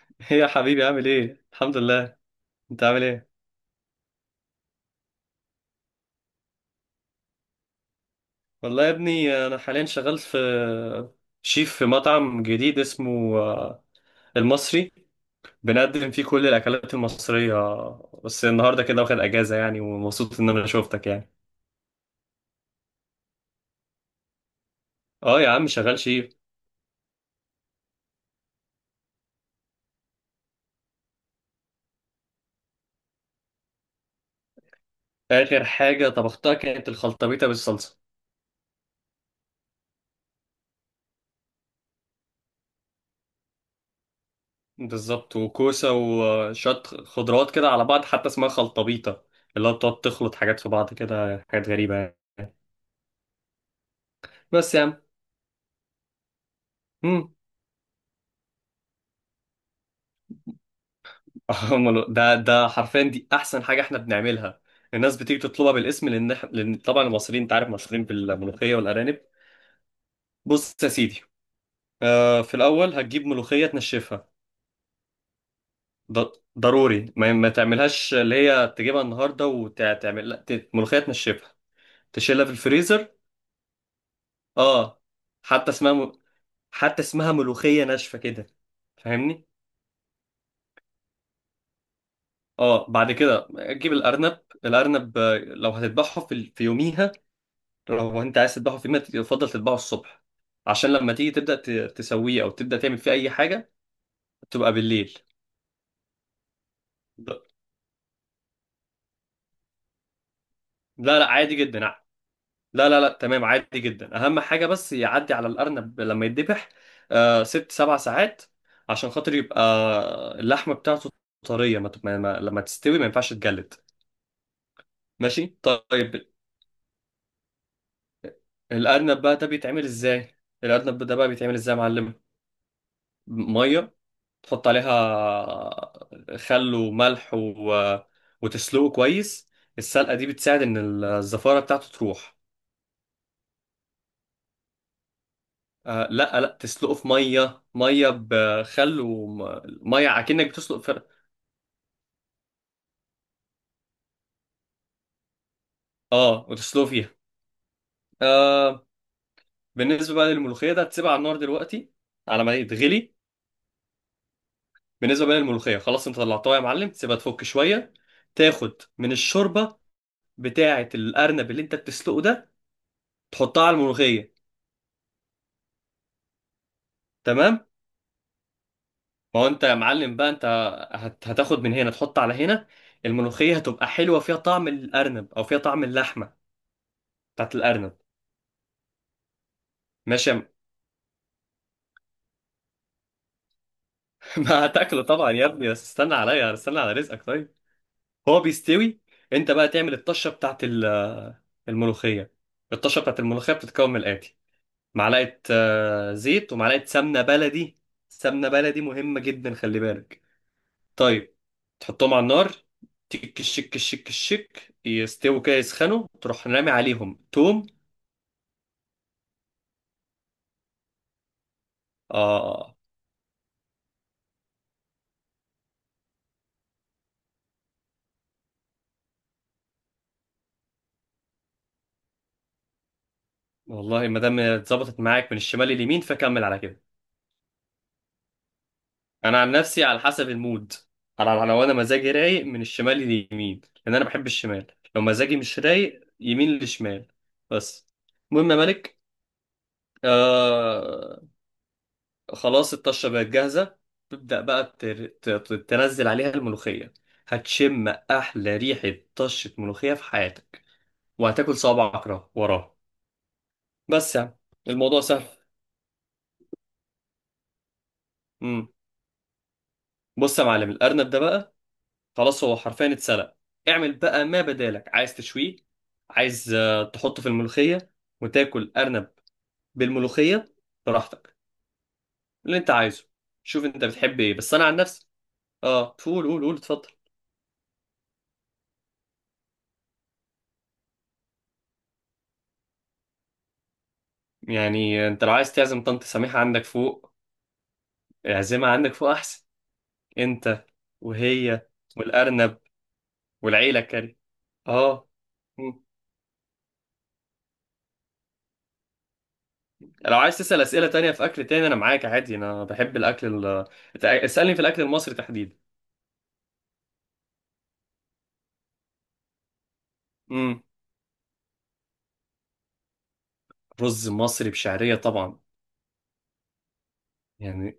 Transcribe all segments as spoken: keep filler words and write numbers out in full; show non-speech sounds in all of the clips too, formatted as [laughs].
[laughs] ايه يا حبيبي، عامل ايه؟ الحمد لله. انت عامل ايه؟ والله يا ابني انا حاليا شغال في شيف في مطعم جديد اسمه آه، المصري. بنقدم فيه كل الاكلات المصرية. بس النهارده كده واخد اجازة يعني، ومبسوط ان انا شوفتك يعني. اه يا عم شغال شيف. اخر حاجة طبختها كانت الخلطبيطة بالصلصة. بالظبط، وكوسة وشوية خضروات كده على بعض، حتى اسمها خلطبيطة، اللي هو بتقعد تخلط حاجات في بعض كده، حاجات غريبة يعني. بس يا عم. مم. أمال ده ده حرفيا دي احسن حاجه احنا بنعملها. الناس بتيجي تطلبها بالاسم، لان إح- لان طبعا المصريين انت عارف مشهورين بالملوخيه والارانب. بص يا سيدي، آه في الاول هتجيب ملوخيه تنشفها. ض- ضروري ما, ما تعملهاش اللي هي تجيبها النهارده وتعمل، لا، ت- ملوخيه تنشفها، تشيلها في الفريزر. اه. حتى اسمها م... حتى اسمها ملوخيه ناشفه كده، فاهمني؟ اه، بعد كده تجيب الارنب. الارنب، آه، لو هتذبحه في, ال- في يوميها، لو انت عايز تذبحه في يوم يفضل تذبحه الصبح، عشان لما تيجي تبدا ت- تسويه او تبدا تعمل فيه اي حاجه تبقى بالليل. لا. لا، لا، عادي جدا. ع- لا، لا، لا، تمام، عادي جدا. اهم حاجه بس يعدي على الارنب لما يتذبح آه ست سبع ساعات، عشان خاطر يبقى اللحمه بتاعته طريه. ما تب- ما- ما- لما تستوي ما ينفعش تجلد. ماشي، طيب. الارنب بقى ده بيتعمل ازاي الارنب ده بقى بيتعمل ازاي يا معلم؟ ميه، تحط عليها خل وملح و... وتسلقه كويس. السلقة دي بتساعد إن الزفارة بتاعته تروح. آه لا، لا، تسلقه في مية، مية بخل ومية، أكنك بتسلق فر... اه، وتسلقه فيها. آه بالنسبة بقى للملوخية، ده تسيبها على النار دلوقتي على ما تغلي. بالنسبة بقى للملوخية، خلاص انت طلعتها يا معلم، تسيبها تفك شوية، تاخد من الشوربة بتاعة الأرنب اللي انت بتسلقه ده، تحطها على الملوخية. تمام، ما هو انت يا معلم بقى، انت هت- هتاخد من هنا تحط على هنا. الملوخية هتبقى حلوة فيها طعم الأرنب، أو فيها طعم اللحمة بتاعت الأرنب. ماشي يا م- [laughs] ما هتاكله طبعا يا ابني، بس استنى عليا، استنى على رزقك، طيب. هو بيستوي. انت بقى تعمل الطشة بتاعت ال- الملوخية. الطشة بتاعت الملوخية بتتكون من الآتي: معلقة آه، زيت، ومعلقة سمنة بلدي. سمنة بلدي مهمة جدا، خلي بالك. طيب، تحطهم على النار، تك الشك الشك الشك يستووا كده، يسخنوا، تروح رامي عليهم توم. اه، والله ما دام اتظبطت معاك من الشمال لليمين فكمل على كده. انا عن نفسي على حسب المود، على على- لو انا مزاجي رايق من الشمال لليمين، لان انا بحب الشمال. لو مزاجي مش رايق، يمين لشمال. بس المهم يا ملك، آه خلاص الطشة بقت جاهزة. تبدأ بقى تر- ت- ت- تنزل عليها الملوخية، هتشم أحلى ريحة طشة ملوخية في حياتك، وهتاكل صوابعك را- وراها. بس يعني الموضوع سهل. مم. بص يا معلم، الأرنب ده بقى خلاص هو حرفيا اتسلق. اعمل بقى ما بدالك، عايز تشويه، عايز آه، تحطه في الملوخية وتاكل أرنب بالملوخية، براحتك اللي أنت عايزه. شوف أنت بتحب إيه، بس أنا عن نفسي. آه قول، قول، قول، اتفضل. يعني انت لو عايز تعزم طنط سميحة عندك فوق، اعزمها عندك فوق احسن، انت وهي والارنب والعيلة كاري. اه. مم. لو عايز تسأل اسئلة تانية في اكل تاني انا معاك عادي، انا بحب الاكل ال... تع- اسألني في الاكل المصري تحديدا. امم رز مصري بشعرية طبعا، يعني.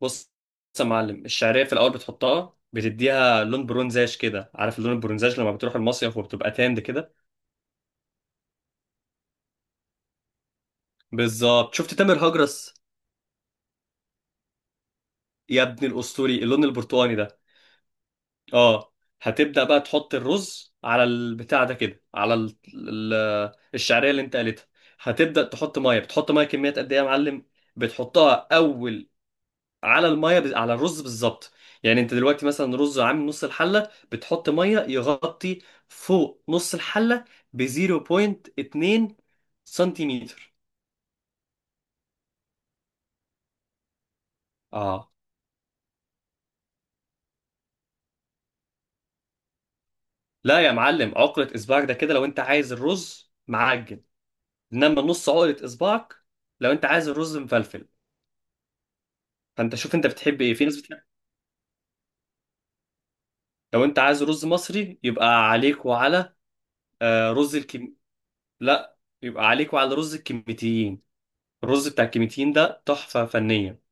بص، بص يا معلم، الشعرية في الاول بتحطها بتديها لون برونزاج كده. عارف اللون البرونزاج لما بتروح المصيف وبتبقى تاند كده؟ بالظبط. شفت تامر هجرس يا ابن الاسطوري، اللون البرتقاني ده. اه، هتبدأ بقى تحط الرز على البتاع ده كده، على ال... ال... الشعرية اللي انت قالتها. هتبدأ تحط ميه، بتحط ميه كميات قد ايه يا معلم؟ بتحطها اول على الميه، بز- على الرز بالظبط. يعني انت دلوقتي مثلا رز عامل نص الحلة، بتحط ميه يغطي فوق نص الحلة ب نقطة اتنين سنتيمتر. اه، لا يا معلم، عقلة اصبعك ده كده لو انت عايز الرز معجن، انما نص عقلة اصبعك لو انت عايز الرز مفلفل. فانت شوف انت بتحب ايه، في ناس بتحب. لو انت عايز رز مصري يبقى عليك وعلى آه، رز الكم لا، يبقى عليك وعلى رز الكميتيين. الرز بتاع الكميتيين ده تحفة فنية.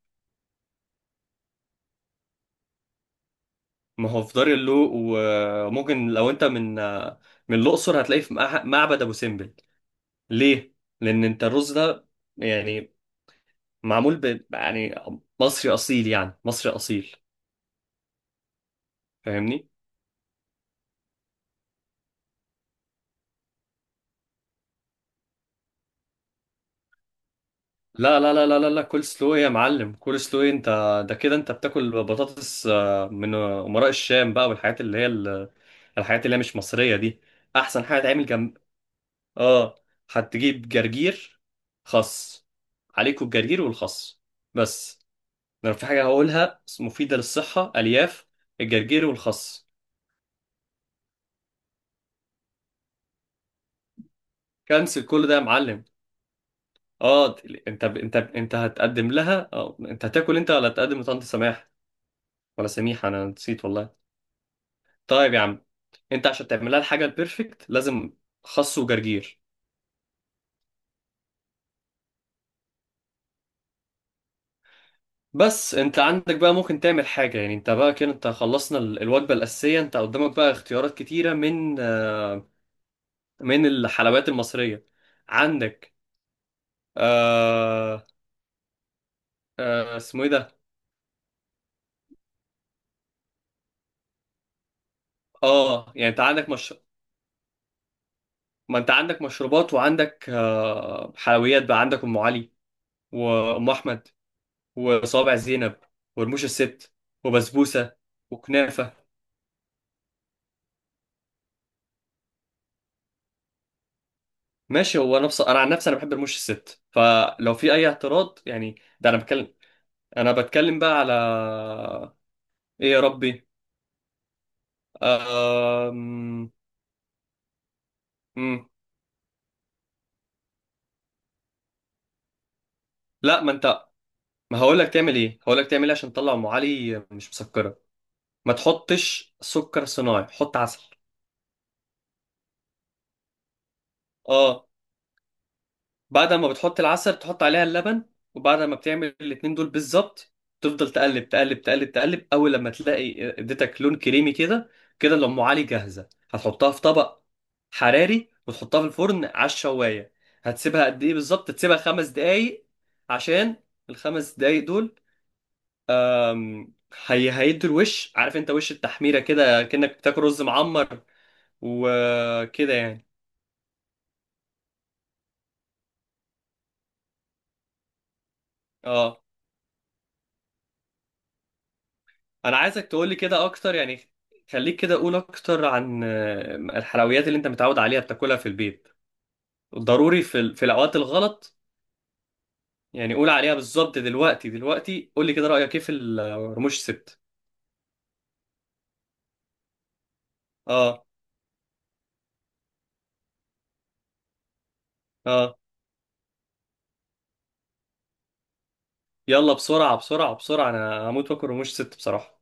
ما هو في دار اللوق، وممكن لو انت من آه، من الأقصر هتلاقيه في مع- معبد أبو سمبل. ليه؟ لأن انت الرز ده، يعني، معمول ب... يعني مصري أصيل، يعني مصري أصيل، فاهمني؟ لا، لا، لا، لا، لا، لا، كول سلو إيه يا معلم، كول سلو إيه انت؟ ده كده انت بتاكل بطاطس آه، من آه، امراء الشام بقى، والحاجات اللي هي ال- الحاجات اللي هي مش مصرية دي. احسن حاجة تعمل جنب، اه، هتجيب جرجير، خس. عليكوا الجرجير والخس بس. لو في حاجة هقولها مفيدة للصحة، الياف الجرجير والخس. كنسل كل ده يا معلم. اه، انت انت انت هتقدم لها. اه، انت هتاكل انت ولا هتقدم لطنط سماح ولا سميح؟ انا نسيت والله. طيب يا عم، انت عشان تعملها الحاجه البيرفكت لازم خس وجرجير. بس انت عندك بقى ممكن تعمل حاجه، يعني انت بقى كده، انت خلصنا ال- الوجبه الاساسيه، انت قدامك بقى اختيارات كتيره من آه، من الحلويات المصريه. عندك، آه، آه اسمه ايه ده؟ اه، يعني انت عندك مش... ما انت عندك مشروبات، وعندك آه حلويات. بقى عندك ام علي، وام احمد، وصوابع زينب، ورموش الست، وبسبوسه، وكنافه. ماشي. هو انا بص... انا عن نفسي انا بحب رموش الست، فلو في اي اعتراض يعني. ده انا بتكلم انا بتكلم بقى على ايه يا ربي؟ أم... أم... لا، ما انت، ما هقول لك تعمل ايه هقول لك تعمل ايه عشان تطلع ام علي مش مسكره. ما تحطش سكر صناعي، حط عسل. اه، بعد ما بتحط العسل تحط عليها اللبن. وبعد ما بتعمل الاتنين دول بالظبط، تفضل تقلب، تقلب، تقلب، تقلب، اول لما تلاقي اديتك لون كريمي كده، كده الام علي جاهزه. هتحطها في طبق حراري وتحطها في الفرن على الشوايه. هتسيبها قد ايه بالظبط؟ تسيبها خمس دقايق، عشان الخمس دقايق دول، أم، هي هيدوا الوش. عارف انت وش التحميره كده، كأنك بتاكل رز معمر وكده يعني. اه، انا عايزك تقولي كده اكتر يعني. خليك كده، قول اكتر عن آه، الحلويات اللي انت متعود عليها بتاكلها في البيت، ضروري في ال- في الاوقات الغلط يعني. قول عليها بالظبط دلوقتي، دلوقتي، قولي كده رايك ايه في ال- رموش ست؟ اه، اه، يلا بسرعه، بسرعه، بسرعه، انا هموت واكل رموش ست بصراحه.